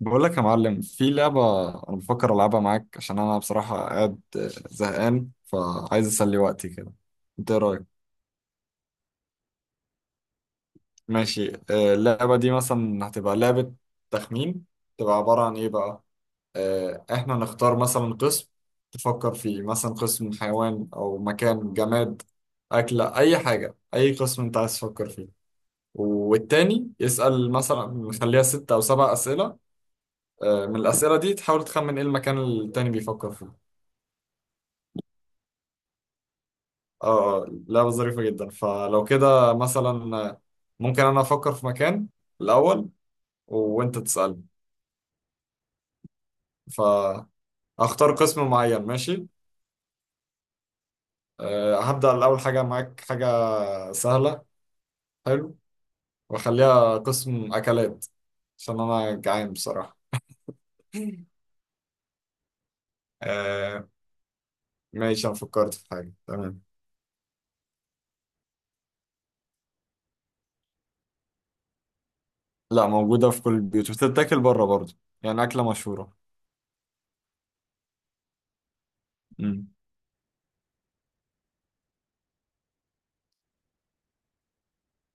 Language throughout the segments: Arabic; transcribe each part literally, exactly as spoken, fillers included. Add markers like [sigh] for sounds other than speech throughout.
بقول لك يا معلم، في لعبة أنا بفكر ألعبها معاك عشان أنا بصراحة قاعد آه، زهقان، فعايز أسلي وقتي كده. أنت إيه رأيك؟ ماشي. آه، اللعبة دي مثلا هتبقى لعبة تخمين. تبقى عبارة عن إيه بقى؟ آه، إحنا نختار مثلا قسم تفكر فيه، مثلا قسم حيوان أو مكان، جماد، أكلة، أي حاجة. أي قسم أنت عايز تفكر فيه. والتاني يسأل، مثلا نخليها ست أو سبع أسئلة. آه، من الأسئلة دي تحاول تخمن إيه المكان اللي التاني بيفكر فيه. اه اه، لعبة ظريفة جدا. فلو كده مثلا، ممكن انا افكر في مكان الاول وانت تسألني. فاختار قسم معين. ماشي. أه، هبدأ. الاول حاجة معاك حاجة سهلة. حلو. واخليها قسم اكلات عشان انا جعان بصراحة. [laughs] أه، ماشي. انا فكرت في حاجة. تمام. لا، موجودة في كل البيوت وبتتاكل بره برضه، يعني أكلة مشهورة. مم.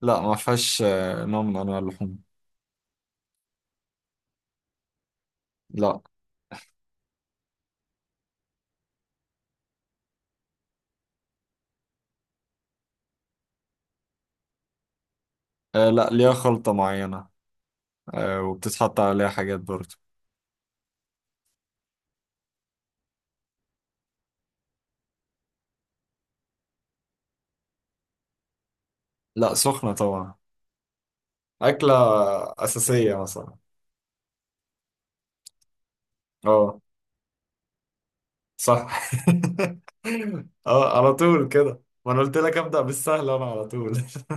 لا، ما فيهاش آه، نوع من أنواع اللحوم. لا. آه، لا، ليها خلطة معينة. آه، وبتتحط عليها حاجات برضه. لا، سخنة طبعا. أكلة أساسية مثلا. اه، صح. [laughs] اه، على طول كده؟ ما أنا قلت لك أبدأ بالسهل، أنا على طول. [laughs]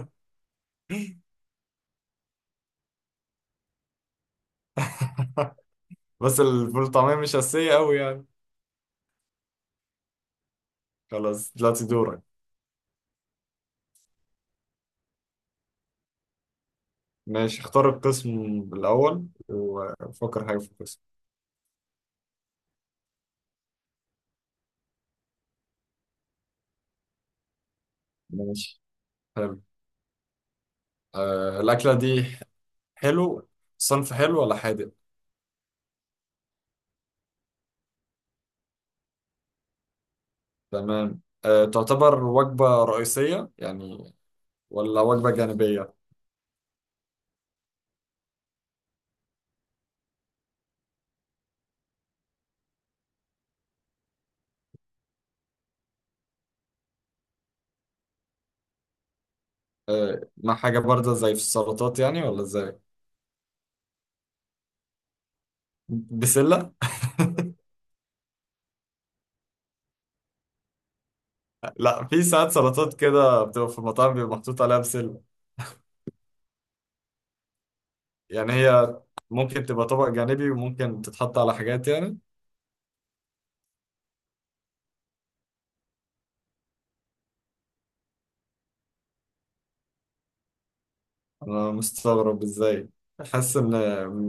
بس الفول طعمية مش أساسية أوي يعني. خلاص، دلوقتي دورك. ماشي، اختار القسم الأول وفكر حاجة في القسم. ماشي. حلو. آه الأكلة دي. حلو. صنف حلو ولا حادق؟ تمام. آه تعتبر وجبة رئيسية يعني، ولا وجبة جانبية؟ آه، ما حاجة باردة زي في السلطات يعني، ولا ازاي؟ بسلة؟ لا، في ساعات سلطات كده بتبقى في المطاعم بيبقى محطوط عليها بسلة. يعني هي ممكن تبقى طبق جانبي، وممكن تتحط على حاجات يعني. أنا مستغرب ازاي، حاسس إن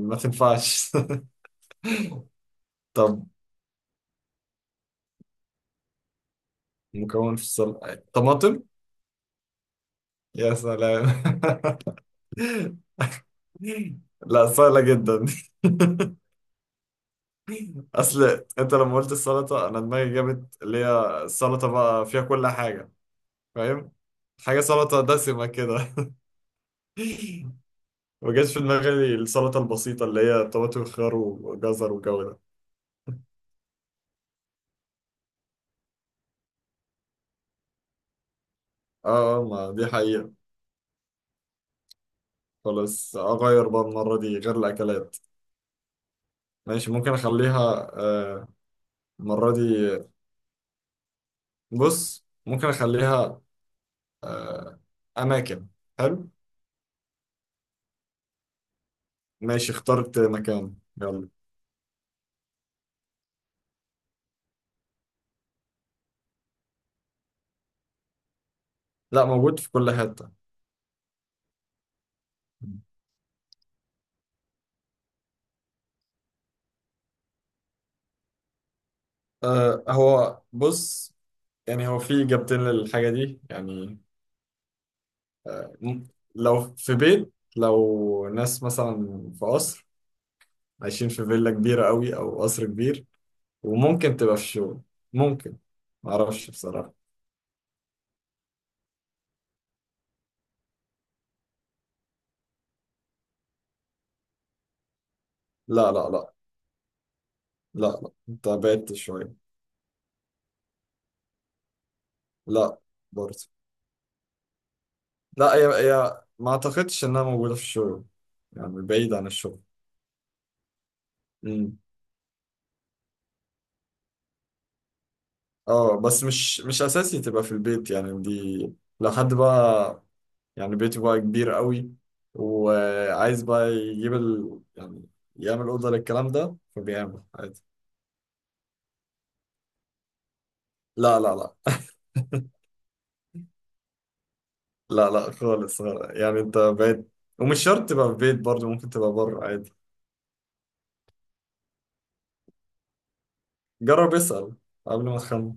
ما تنفعش. [laughs] طب مكون في السلطة طماطم؟ يا سلام. [laughs] لا، سهلة جدا. [laughs] أصل أنت لما قلت السلطة، أنا دماغي جابت اللي هي السلطة بقى فيها كل حاجة. فاهم. حاجة سلطة دسمة كده. [laughs] ما جاش في دماغي السلطة البسيطة اللي هي طماطم وخيار وجزر والجو ده. اه، آه، ما دي حقيقة. خلاص، أغير بقى المرة دي، غير الأكلات. ماشي، ممكن أخليها، آه، المرة دي. بص، ممكن أخليها آه، أماكن. حلو. ماشي، اخترت مكان. يلا. لا، موجود في كل حتة. آه، هو بص، يعني هو في إجابتين للحاجة دي يعني. لو في بيت، لو ناس مثلا في قصر عايشين في فيلا كبيرة قوي أو قصر كبير. وممكن تبقى في شغل. ممكن. معرفش بصراحة. لا لا لا. لا لا، أنت بعدت شوية. لا. برضه. لا، هي هي ما أعتقدش إنها موجودة في الشغل. يعني بعيد عن الشغل. اه، بس مش مش اساسي تبقى في البيت يعني، دي لو حد بقى يعني بيته بقى كبير قوي، وعايز بقى يجيب ال... يعني يعمل اوضه للكلام ده فبيعمل عادي. لا لا لا لا لا، خالص. يعني انت بقيت. ومش شرط تبقى في بيت برضه، ممكن تبقى بره عادي. جرب اسأل قبل ما تخمن.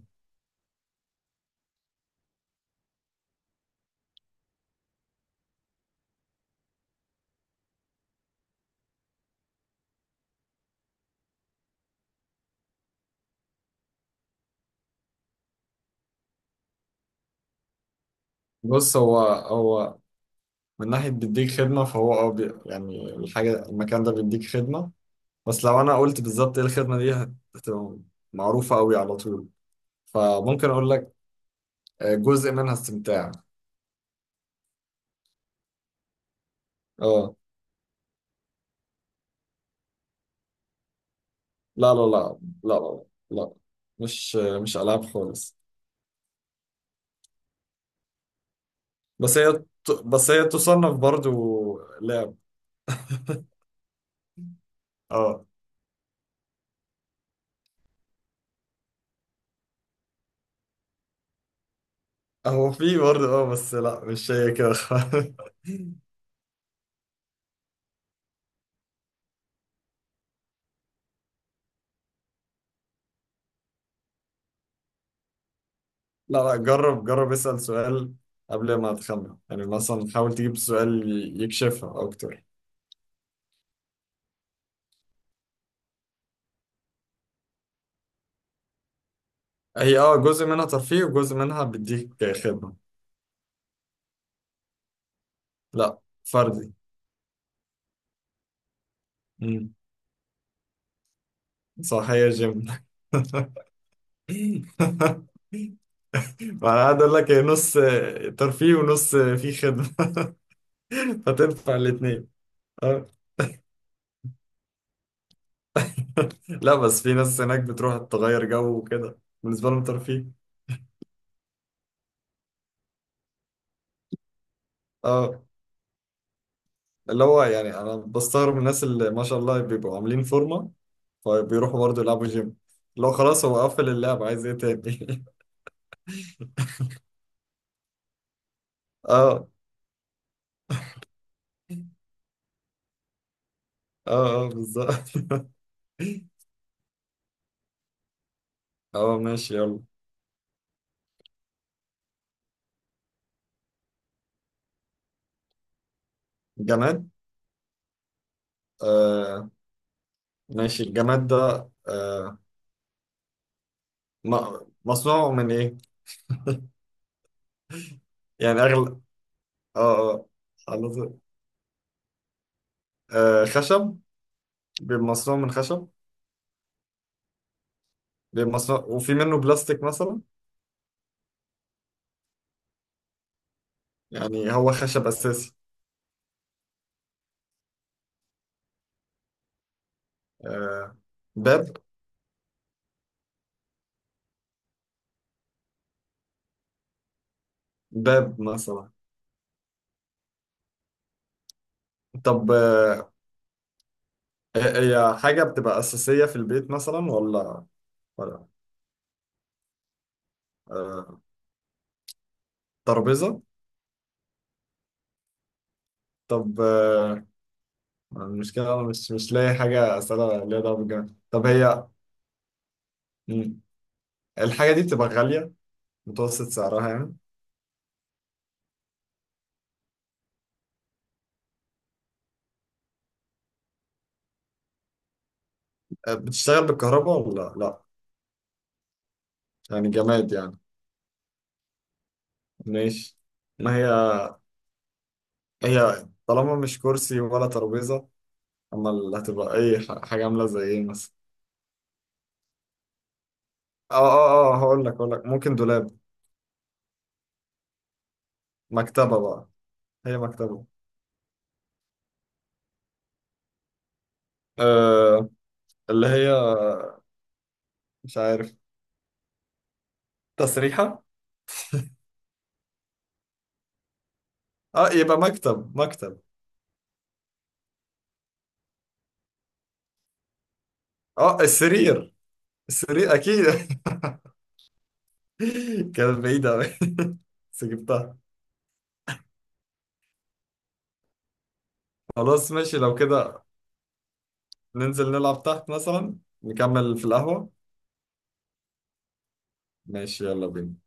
بص، هو هو من ناحية بيديك خدمة، فهو اه بي- يعني الحاجة، المكان ده بيديك خدمة. بس لو انا قلت بالظبط ايه الخدمه دي هت- هتبقى معروفه قوي على طول. فممكن اقول لك آه، جزء منها استمتاع. اه، لا لا لا لا لا لا، مش آه، مش العاب خالص. بس هي ت- بس هي تصنف برضو لعب. اه، هو في برضه اه بس لا، مش هي كده خالص. [laughs] لا لا، جرب جرب اسأل سؤال قبل ما تخمن، يعني مثلا حاول تجيب سؤال ي- يكشفها اكتر. هي اه جزء منها ترفيه، وجزء منها بيديك خدمة. لا، فردي. مم. صح، هي جيم. [laughs] ما انا قاعد اقول لك هي نص ترفيه ونص في خدمه. [laughs] فتنفع الاثنين. اه. [laughs] لا بس في ناس هناك بتروح تغير جو وكده، بالنسبه لهم ترفيه. اه، اللي هو يعني انا بستغرب من الناس اللي ما شاء الله بيبقوا عاملين فورمه، فبيروحوا برضه يلعبوا جيم، اللي هو خلاص هو قفل اللعب عايز ايه تاني. [laughs] اه اه اه، بالظبط. [laughs] اه، ماشي يلا. جماد. آه ماشي. الجماد ده آه م- مصنوع من ايه؟ يعني اغلب. اه اه. حضرتك- آه، خشب. بيبقى مصنوع من خشب. بيبقى مصنوع، وفي منه بلاستيك مثلا. يعني هو خشب اساسي. آه باب. باب مثلا. طب، آه، هي حاجة بتبقى أساسية في البيت مثلا ولا؟ ولا، آه ترابيزة؟ طب آه المشكلة أنا مش مش لاقي حاجة أسألها ليها دعوة بالجماد. طب هي، مم، الحاجة دي بتبقى غالية، متوسط سعرها يعني؟ بتشتغل بالكهرباء ولا لا؟ يعني جماد يعني. ماشي. ما هي، هي طالما مش كرسي ولا ترابيزة، اما اللي هتبقى اي ح- حاجة عاملة زي ايه مثلا. اه اه اه، هقول لك هقول لك ممكن دولاب؟ مكتبة بقى؟ هي مكتبة؟ آه اللي هي مش عارف، تسريحة. اه، يبقى مكتب. مكتب. اه، السرير. السرير اكيد. [laughs] كانت بعيدة أوي. [laughs] بس جبتها. خلاص، ماشي لو كده. ننزل نلعب تحت مثلا، نكمل في القهوة. ماشي، يلا بينا.